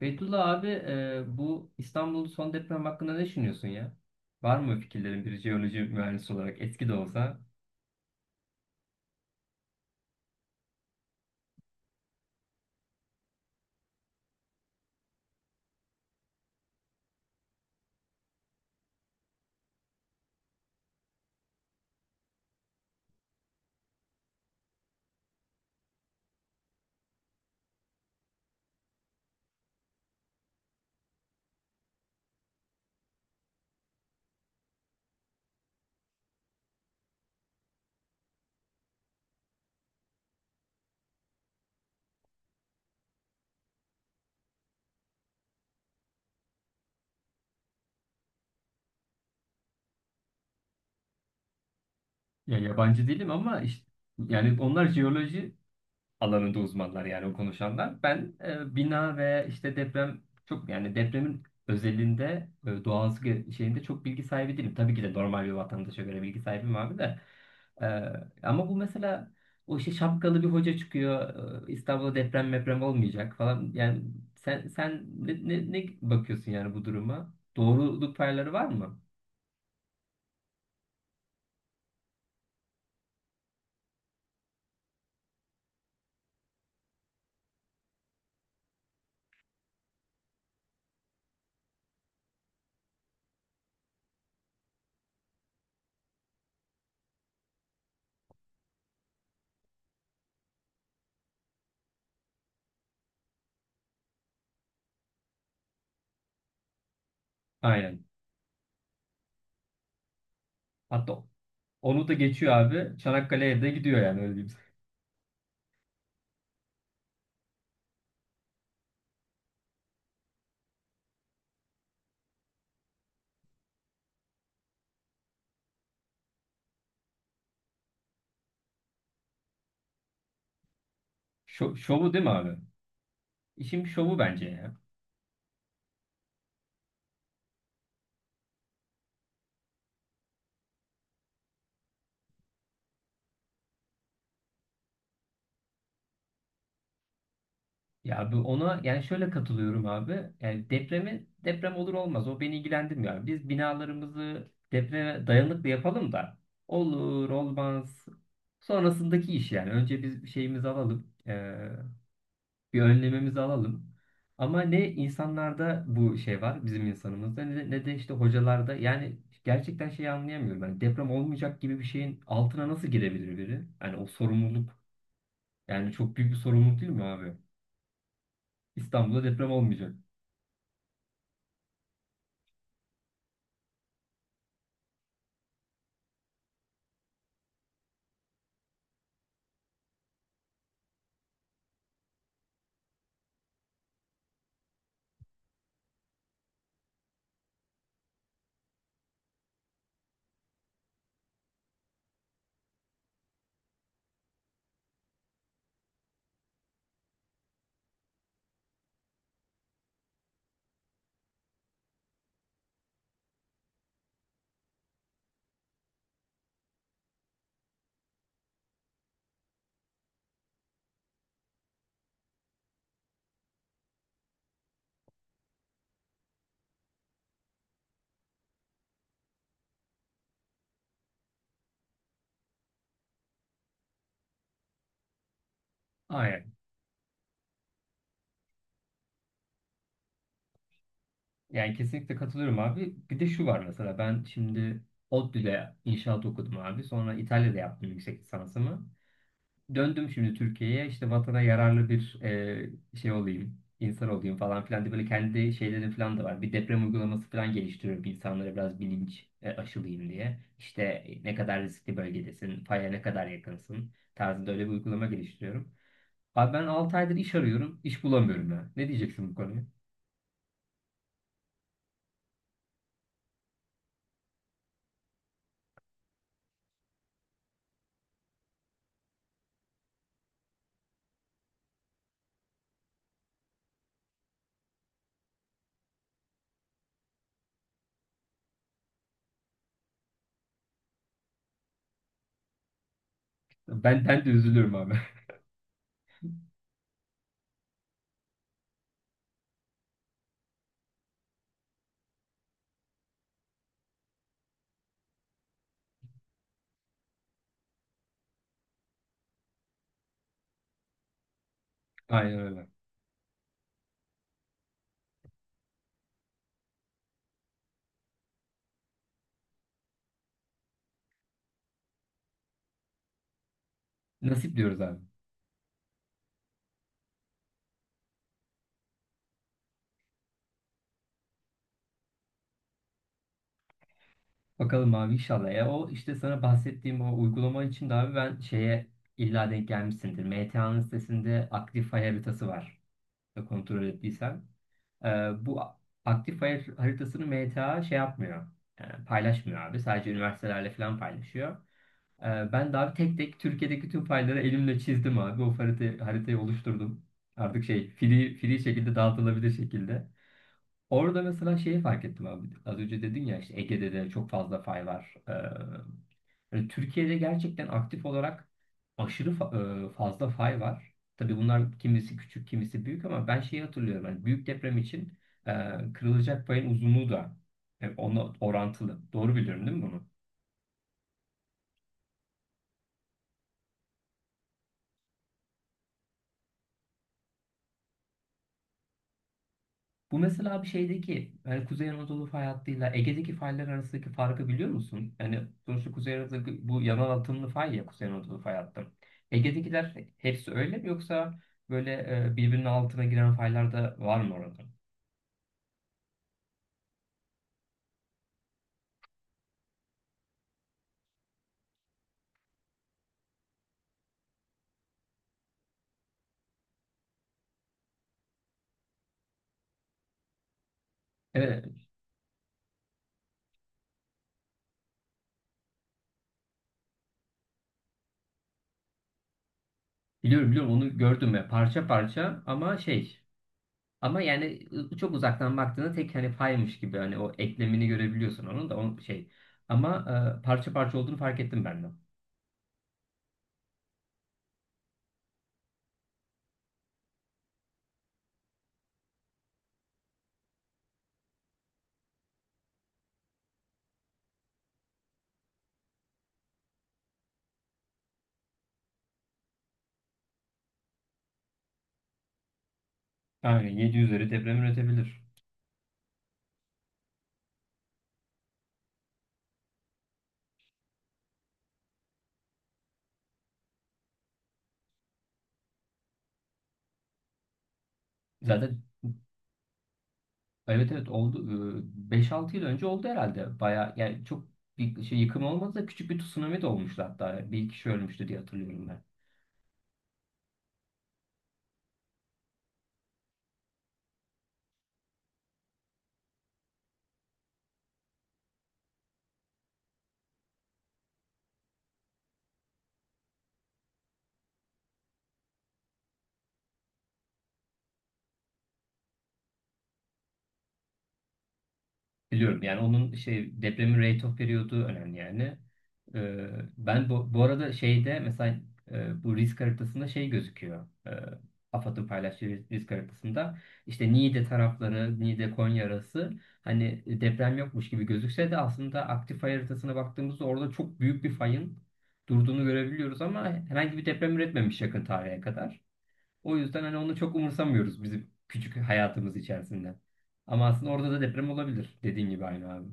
Beytullah abi bu İstanbul'un son deprem hakkında ne düşünüyorsun ya? Var mı fikirlerin bir jeoloji mühendisi olarak eski de olsa? Ya yabancı değilim ama işte, yani onlar jeoloji alanında uzmanlar yani o konuşanlar. Ben bina ve işte deprem çok yani depremin özelinde şeyinde çok bilgi sahibi değilim. Tabii ki de normal bir vatandaşa göre bilgi sahibim abi de. E, Ama bu mesela o işte şapkalı bir hoca çıkıyor. İstanbul'da deprem meprem olmayacak falan. Yani sen ne bakıyorsun yani bu duruma? Doğruluk payları var mı? Aynen. Hatta onu da geçiyor abi. Çanakkale'ye de gidiyor yani öyle diyeyim. Şovu değil mi abi? İşin bir şovu bence ya. Ya bu ona yani şöyle katılıyorum abi. Yani depremi deprem olur olmaz o beni ilgilendirmiyor. Abi. Biz binalarımızı depreme dayanıklı yapalım da olur olmaz sonrasındaki iş yani. Önce biz bir şeyimizi alalım. Bir önlemimizi alalım. Ama ne insanlarda bu şey var bizim insanımızda ne de işte hocalarda yani gerçekten şeyi anlayamıyorum. Yani deprem olmayacak gibi bir şeyin altına nasıl girebilir biri? Yani o sorumluluk yani çok büyük bir sorumluluk değil mi abi? İstanbul'da deprem olmayacak. Aynen. Yani kesinlikle katılıyorum abi. Bir de şu var mesela ben şimdi ODTÜ'de inşaat okudum abi. Sonra İtalya'da yaptım yüksek lisansımı. Döndüm şimdi Türkiye'ye işte vatana yararlı bir şey olayım, insan olayım falan filan diye böyle kendi şeylerim falan da var. Bir deprem uygulaması falan geliştiriyorum insanlara biraz bilinç aşılayayım diye. İşte ne kadar riskli bölgedesin, faya ne kadar yakınsın tarzında öyle bir uygulama geliştiriyorum. Abi ben 6 aydır iş arıyorum, iş bulamıyorum ya. Ne diyeceksin bu konuya? Ben de üzülüyorum abi. Aynen öyle. Nasip diyoruz abi. Bakalım abi inşallah. Ya o işte sana bahsettiğim o uygulama için de abi ben şeye illa denk gelmişsindir. MTA'nın sitesinde aktif fay haritası var. Kontrol ettiysen. Bu aktif fay haritasını MTA şey yapmıyor. Yani paylaşmıyor abi. Sadece üniversitelerle falan paylaşıyor. Ben de abi tek tek Türkiye'deki tüm fayları elimle çizdim abi. Haritayı oluşturdum. Artık şey free şekilde dağıtılabilir şekilde. Orada mesela şeyi fark ettim abi. Az önce dedin ya işte Ege'de de çok fazla fay var. Yani Türkiye'de gerçekten aktif olarak fazla fay var. Tabii bunlar kimisi küçük, kimisi büyük ama ben şeyi hatırlıyorum. Yani büyük deprem için e, kırılacak payın uzunluğu da ona orantılı. Doğru biliyorum değil mi bunu? Bu mesela bir şeydeki yani Kuzey Anadolu fay hattıyla Ege'deki faylar arasındaki farkı biliyor musun? Yani sonuçta Kuzey Anadolu bu yanal atımlı fay ya Kuzey Anadolu fay hattı. Ege'dekiler hepsi öyle mi yoksa böyle birbirinin altına giren faylar da var mı orada? Evet, biliyorum onu gördüm ya parça parça ama şey ama yani çok uzaktan baktığında tek hani faymış gibi hani o eklemini görebiliyorsun onun da o şey ama parça parça olduğunu fark ettim ben de. Aynen 7 üzeri deprem üretebilir. Zaten evet evet oldu. 5-6 yıl önce oldu herhalde. Baya yani çok bir şey yıkım olmadı da küçük bir tsunami de olmuştu hatta. Bir kişi ölmüştü diye hatırlıyorum ben. Biliyorum yani onun şey depremin rate of periyodu önemli yani. Ee, Ben bu arada şeyde mesela bu risk haritasında şey gözüküyor. AFAD'ın paylaştığı risk haritasında işte Niğde tarafları, Niğde Konya arası hani deprem yokmuş gibi gözükse de aslında aktif fay haritasına baktığımızda orada çok büyük bir fayın durduğunu görebiliyoruz ama herhangi bir deprem üretmemiş yakın tarihe kadar. O yüzden hani onu çok umursamıyoruz bizim küçük hayatımız içerisinde. Ama aslında orada da deprem olabilir. Dediğin gibi aynı abi.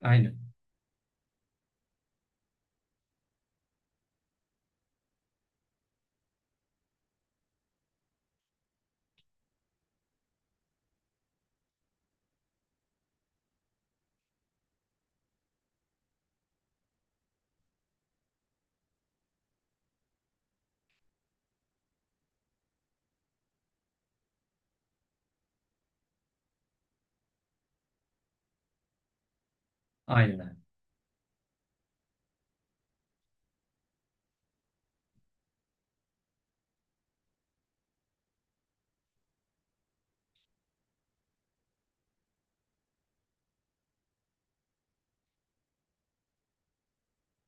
Aynen. Aynen abi.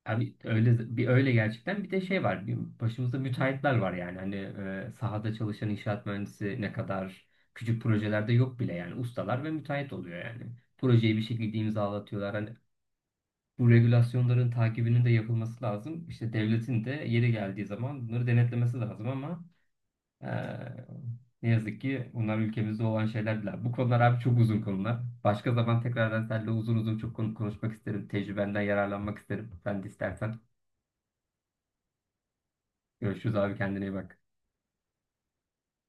Abi öyle bir öyle gerçekten bir de şey var. Bir başımızda müteahhitler var yani. Hani sahada çalışan inşaat mühendisi ne kadar küçük projelerde yok bile yani ustalar ve müteahhit oluyor yani. Projeyi bir şekilde imzalatıyorlar. Hani bu regülasyonların takibinin de yapılması lazım. İşte devletin de yeri geldiği zaman bunları denetlemesi lazım ama Eee, ne yazık ki bunlar ülkemizde olan şeyler değil. Bu konular abi çok uzun konular. Başka zaman tekrardan seninle uzun uzun çok konu konuşmak isterim. Tecrübenden yararlanmak isterim. Sen de istersen. Görüşürüz abi, kendine iyi bak.